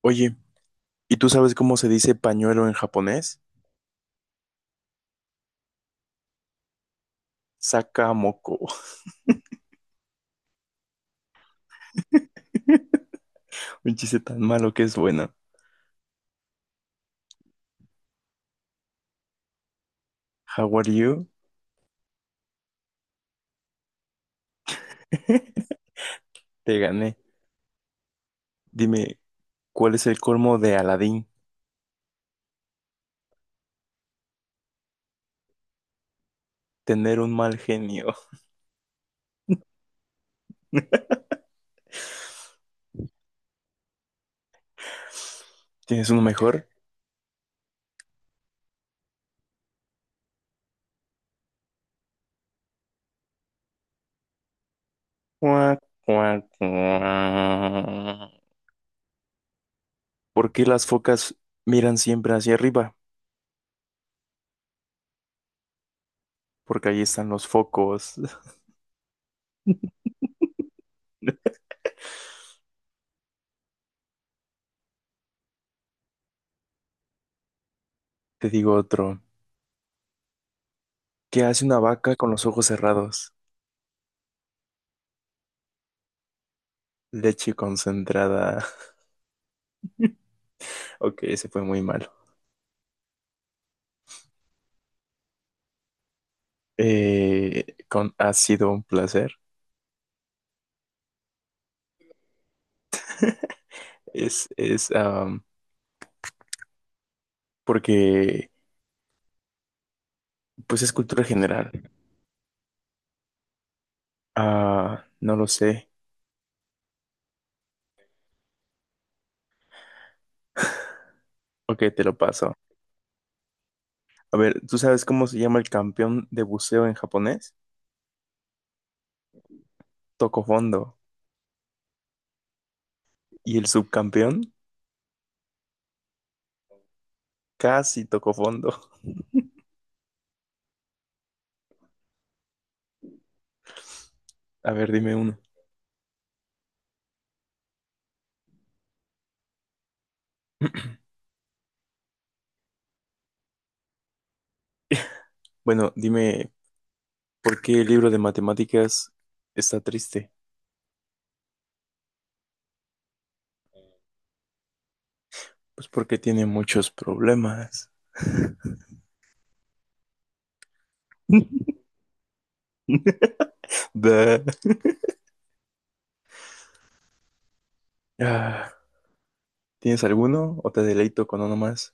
Oye, ¿y tú sabes cómo se dice pañuelo en japonés? Sakamoko. Un chiste tan malo que es bueno. How are you? Te gané. Dime, ¿cuál es el colmo de Aladín? Tener un mal genio. ¿Tienes uno mejor? Cuac, cuac, cuac. ¿Por qué las focas miran siempre hacia arriba? Porque ahí están los focos. Te digo otro. ¿Qué hace una vaca con los ojos cerrados? Leche concentrada. Ok, ese fue muy malo. Con, ha sido un placer. Es porque, pues es cultura general. Ah, no lo sé. Ok, te lo paso. A ver, ¿tú sabes cómo se llama el campeón de buceo en japonés? Tocó fondo. ¿Y el subcampeón? Casi tocó fondo. A ver, dime uno. Bueno, dime, ¿por qué el libro de matemáticas está triste? Pues porque tiene muchos problemas. Da. Ah, ¿tienes alguno o te deleito con uno más?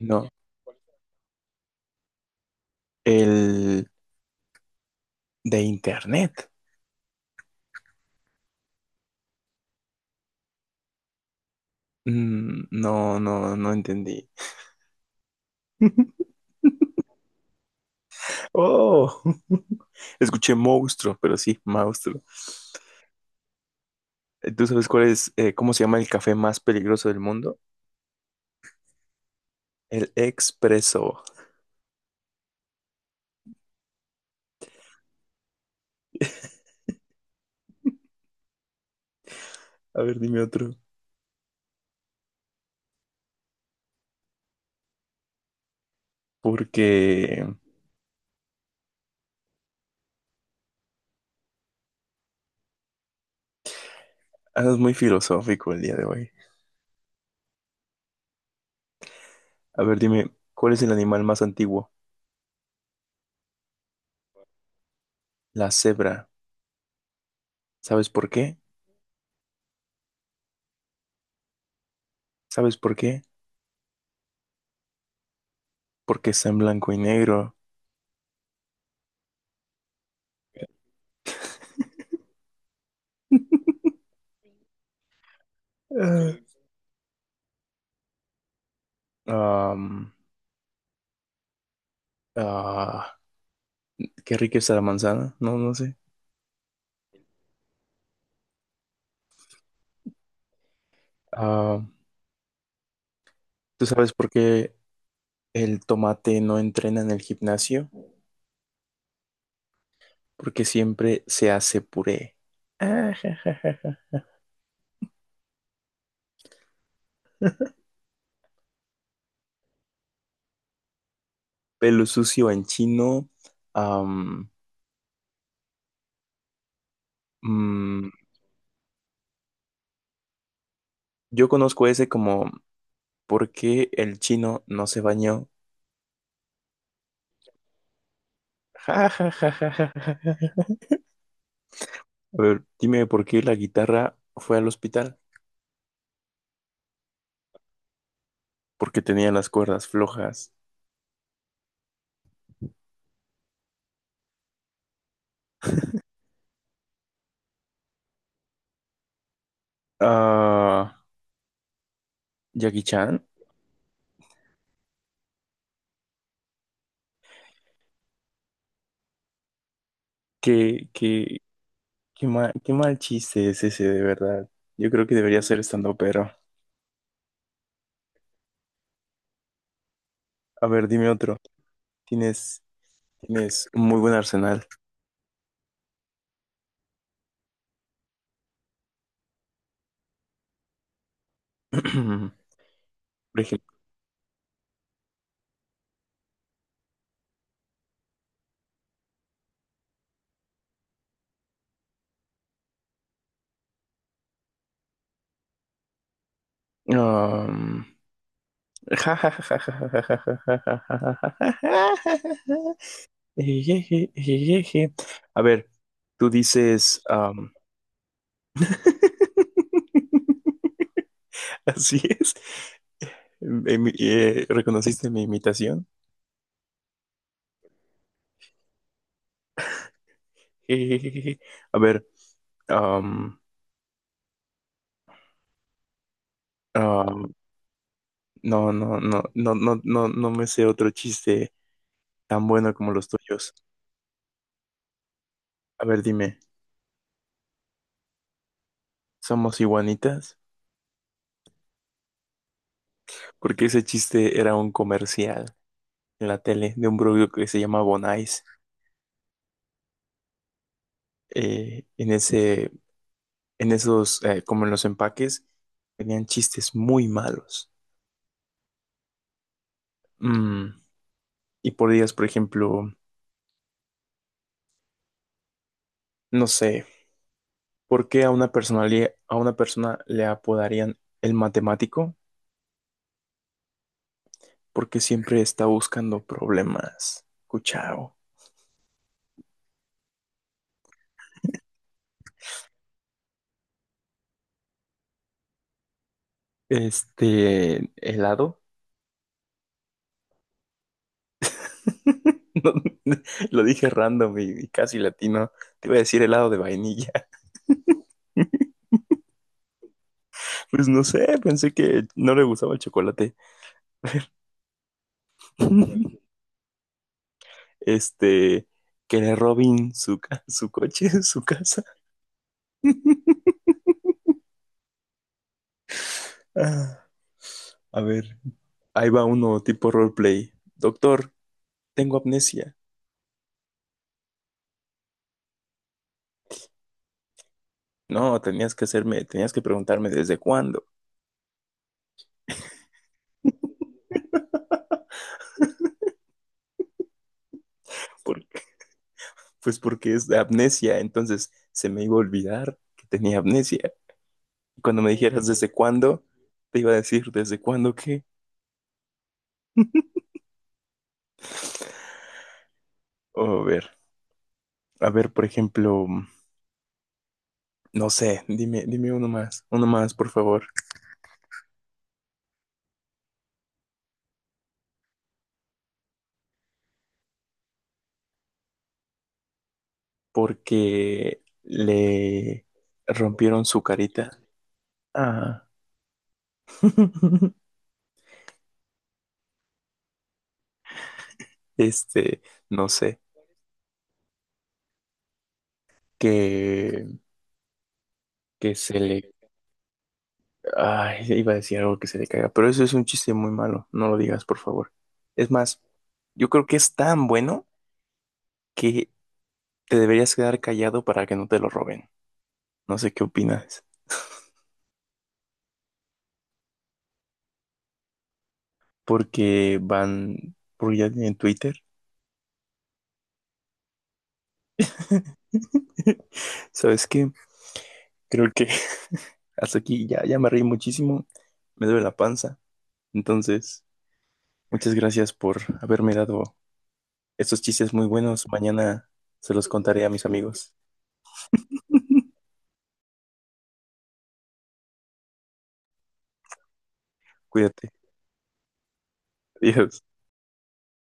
No, el de internet. Mm, no, no entendí. Oh, escuché monstruo, pero sí, monstruo. ¿Tú sabes cuál es, cómo se llama el café más peligroso del mundo? El expreso. A ver, dime otro. Porque andas muy filosófico el día de hoy. A ver, dime, ¿cuál es el animal más antiguo? La cebra. ¿Sabes por qué? ¿Sabes por qué? Porque está en blanco y negro. Ah, am, Ah, qué rica está la manzana, no, no sé. Ah, ¿tú sabes por qué el tomate no entrena en el gimnasio? Porque siempre se hace puré. Ah, ja, ja, ja, ja. Pelo sucio en chino. am, mm, yo conozco ese como ¿por qué el chino no se bañó? Ja, ja, ja, ja, ja, ja, ja. A ver, dime por qué la guitarra fue al hospital. Porque tenía las cuerdas flojas. Ah, Jackie Chan. ¿Qué, qué, qué mal chiste es ese, de verdad. Yo creo que debería ser estando, pero. A ver, dime otro. Tienes, tienes un muy buen arsenal. Por ejemplo. um, Ejeje, ejeje. A ver, tú dices. Así es. ¿Reconociste mi imitación? Ejejeje. A ver. um, um, No, no me sé otro chiste tan bueno como los tuyos. A ver, dime, ¿somos iguanitas? Porque ese chiste era un comercial en la tele de un producto que se llama Bonais. Eh, en ese, en esos, como en los empaques, tenían chistes muy malos. Mm, y podías, por ejemplo, no sé, ¿por qué a una a una persona le apodarían el matemático? Porque siempre está buscando problemas. Cuchao. Este, helado. Lo dije random y casi latino. Te iba a decir helado de vainilla. Pues no sé, pensé que no le gustaba el chocolate. Este, que le robin su coche, su casa. Ah, A ver, ahí va uno tipo roleplay. Doctor, tengo amnesia. No, tenías que preguntarme desde cuándo. Por- pues porque es de amnesia, entonces se me iba a olvidar que tenía amnesia. Cuando me dijeras desde cuándo, te iba a decir desde cuándo qué. O a ver, a ver, por ejemplo, no sé, dime uno más, por favor, porque le rompieron su carita. Ah, este, no sé, que, que se le, ay, iba a decir algo que se le caiga, pero eso es un chiste muy malo, no lo digas, por favor. Es más, yo creo que es tan bueno que te deberías quedar callado para que no te lo roben. No sé qué opinas. Porque van, porque ya tienen Twitter. ¿Sabes qué? Creo que hasta aquí ya me reí muchísimo. Me duele la panza. Entonces, muchas gracias por haberme dado estos chistes muy buenos. Mañana se los contaré a mis amigos. Cuídate. Adiós.